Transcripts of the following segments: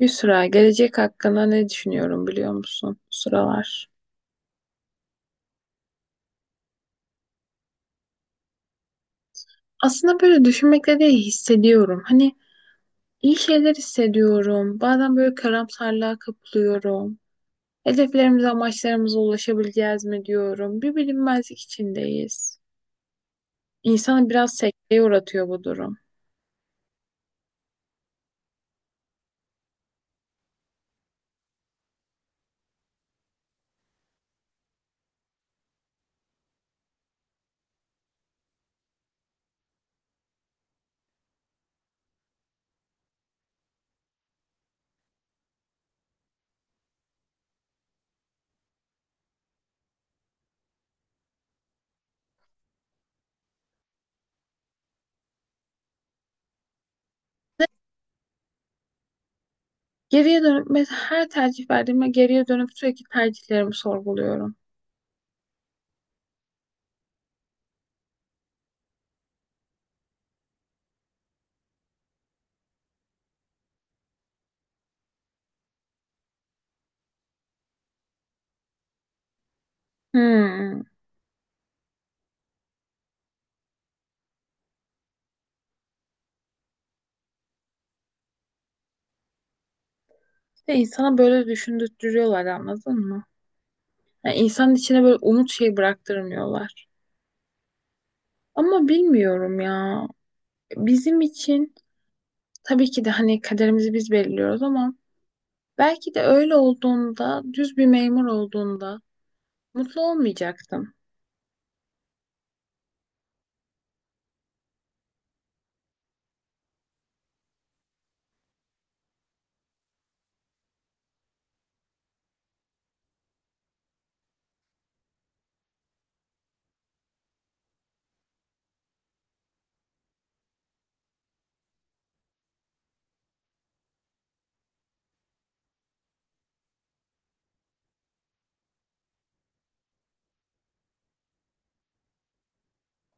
Yusra, gelecek hakkında ne düşünüyorum biliyor musun bu sıralar? Aslında böyle düşünmekle de hissediyorum. Hani iyi şeyler hissediyorum. Bazen böyle karamsarlığa kapılıyorum. Hedeflerimize, amaçlarımıza ulaşabileceğiz mi diyorum. Bir bilinmezlik içindeyiz. İnsanı biraz sekteye uğratıyor bu durum. Geriye dönüp her tercih verdiğimde geriye dönüp sürekli tercihlerimi sorguluyorum. Hmm. İşte insana böyle düşündürtüyorlar, anladın mı? Yani insanın içine böyle umut şey bıraktırmıyorlar. Ama bilmiyorum ya. Bizim için tabii ki de hani kaderimizi biz belirliyoruz ama belki de öyle olduğunda, düz bir memur olduğunda mutlu olmayacaktım.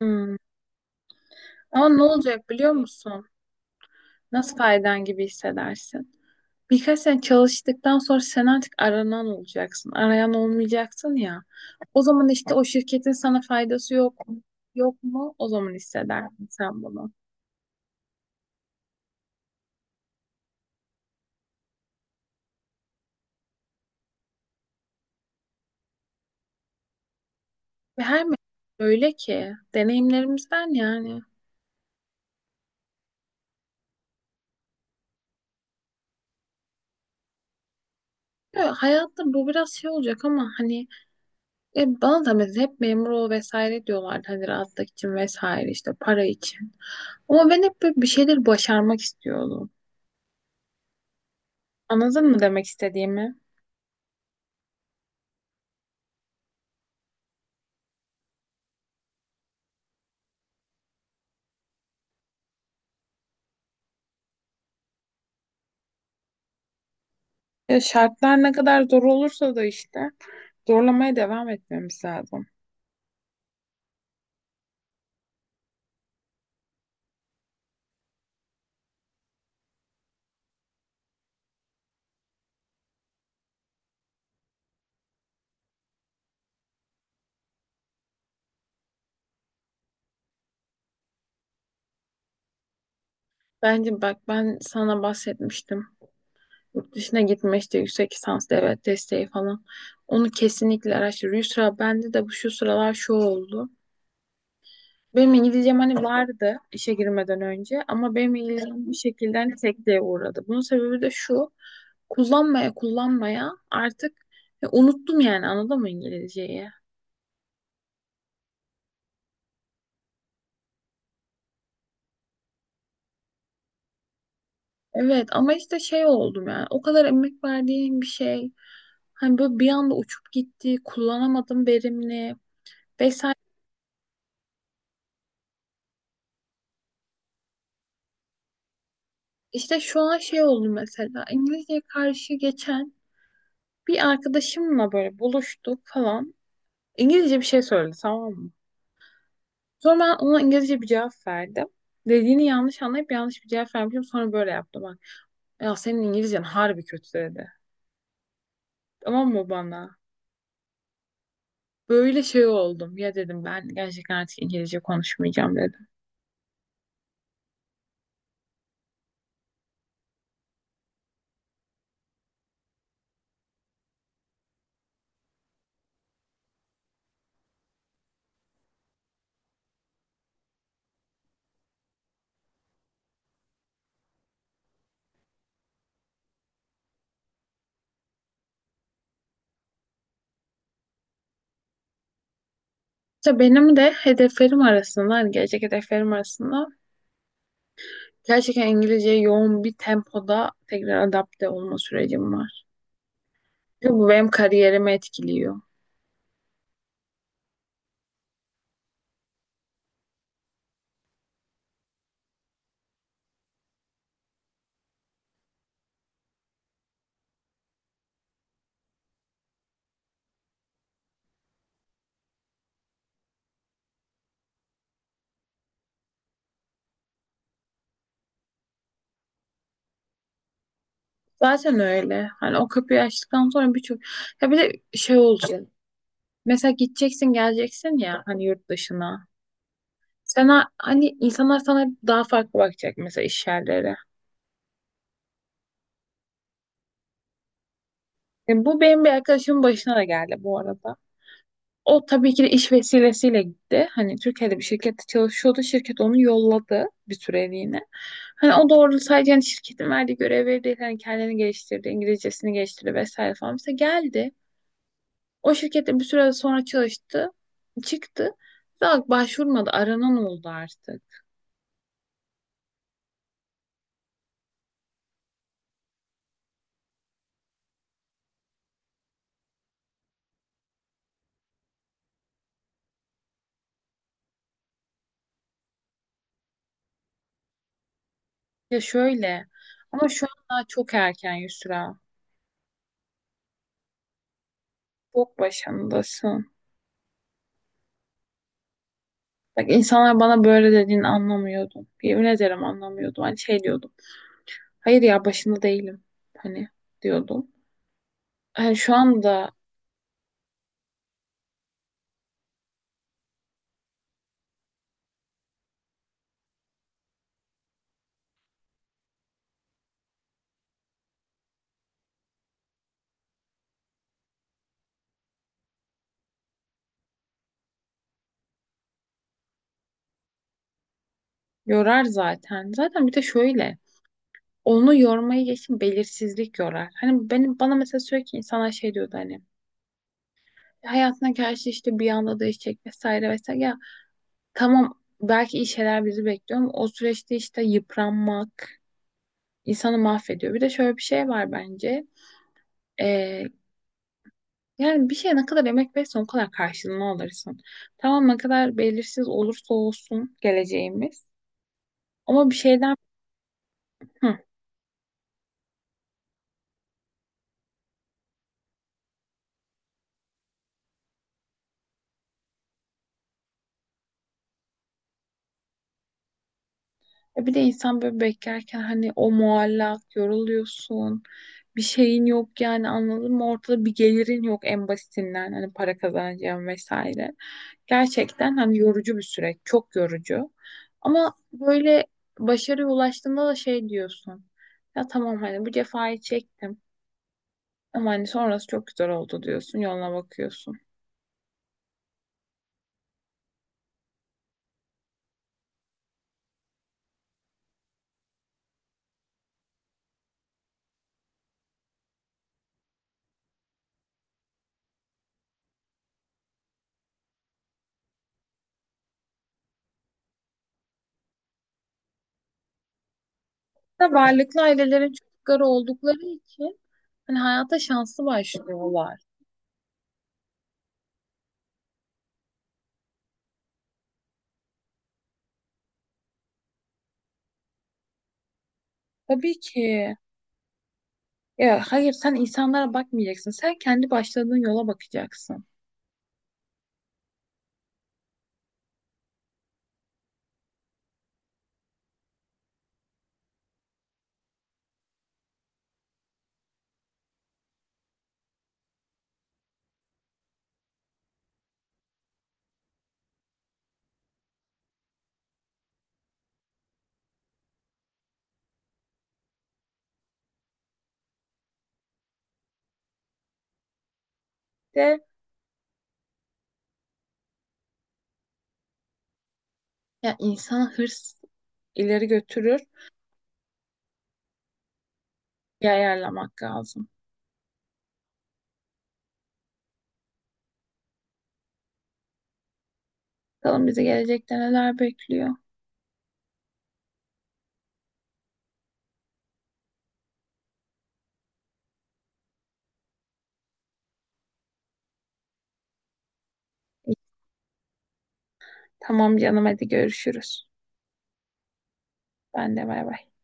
Hmm. Ama ne olacak biliyor musun? Nasıl faydan gibi hissedersin? Birkaç sene çalıştıktan sonra sen artık aranan olacaksın. Arayan olmayacaksın ya. O zaman işte o şirketin sana faydası yok mu? Yok mu? O zaman hissedersin sen bunu. Ve her mevsim öyle ki deneyimlerimizden yani. Ya hayatta bu biraz şey olacak ama hani bana da mesela hep memur ol vesaire diyorlardı, hani rahatlık için vesaire, işte para için. Ama ben hep böyle bir şeyler başarmak istiyordum. Anladın mı demek istediğimi? Ya şartlar ne kadar zor olursa da işte zorlamaya devam etmemiz lazım. Bence bak ben sana bahsetmiştim. Yurt dışına gitme işte, yüksek lisans devlet desteği falan. Onu kesinlikle araştır. Yusra, bende de bu şu sıralar şu oldu. Benim İngilizcem hani vardı işe girmeden önce, ama benim İngilizcem bir şekilde hani sekteye uğradı. Bunun sebebi de şu. Kullanmaya kullanmaya artık unuttum, yani anladın mı İngilizceyi? Evet ama işte şey oldum, yani o kadar emek verdiğim bir şey hani böyle bir anda uçup gitti, kullanamadım verimli vesaire. İşte şu an şey oldu mesela İngilizceye karşı. Geçen bir arkadaşımla böyle buluştuk falan. İngilizce bir şey söyledi, tamam mı? Sonra ben ona İngilizce bir cevap verdim. Dediğini yanlış anlayıp yanlış bir cevap vermişim. Sonra böyle yaptım bak. Ya senin İngilizcen harbi kötü dedi. Tamam mı bana? Böyle şey oldum. Ya dedim ben gerçekten artık İngilizce konuşmayacağım dedim. İşte benim de hedeflerim arasında, hani gelecek hedeflerim arasında gerçekten İngilizceye yoğun bir tempoda tekrar adapte olma sürecim var. Bu benim kariyerimi etkiliyor. Zaten öyle. Hani o kapıyı açtıktan sonra birçok... Ya bir de şey olacak. Mesela gideceksin geleceksin ya hani yurt dışına. Sana hani insanlar sana daha farklı bakacak, mesela iş yerleri. E, bu benim bir arkadaşımın başına da geldi bu arada. O tabii ki de iş vesilesiyle gitti. Hani Türkiye'de bir şirkette çalışıyordu. Şirket onu yolladı bir süreliğine. Hani o doğru sadece hani şirketin verdiği görevleri değil. Hani kendini geliştirdi, İngilizcesini geliştirdi vesaire falan. Mesela geldi. O şirkette bir süre sonra çalıştı. Çıktı. Daha başvurmadı. Aranan oldu artık. Ya şöyle. Ama şu an daha çok erken Yusra. Çok başındasın. Bak insanlar bana böyle dediğini anlamıyordum. Yemin ederim anlamıyordum. Hani şey diyordum. Hayır ya başında değilim. Hani diyordum. Yani şu anda yorar zaten. Zaten bir de şöyle. Onu yormayı geçin, belirsizlik yorar. Hani benim bana mesela sürekli insanlar şey diyordu hani. Hayatına karşı işte bir anda değişecek vesaire vesaire. Ya tamam, belki iyi şeyler bizi bekliyor ama o süreçte işte yıpranmak insanı mahvediyor. Bir de şöyle bir şey var bence. Ee, Yani bir şeye ne kadar emek verirsen o kadar karşılığını alırsın. Tamam ne kadar belirsiz olursa olsun geleceğimiz. Ama bir şeyden. Hı. E bir de insan böyle beklerken hani o muallak yoruluyorsun. Bir şeyin yok yani anladın mı? Ortada bir gelirin yok, en basitinden hani para kazanacağım vesaire. Gerçekten hani yorucu bir süreç, çok yorucu. Ama böyle başarıya ulaştığında da şey diyorsun. Ya tamam hani bu cefayı çektim ama hani sonrası çok güzel oldu diyorsun, yoluna bakıyorsun. Da varlıklı ailelerin çocukları oldukları için hani hayata şanslı başlıyorlar. Tabii ki. Ya hayır sen insanlara bakmayacaksın. Sen kendi başladığın yola bakacaksın. De ya, insana hırs ileri götürür. Bir ayarlamak lazım. Bakalım bizi gelecekte neler bekliyor. Tamam canım hadi görüşürüz. Ben de bay bay.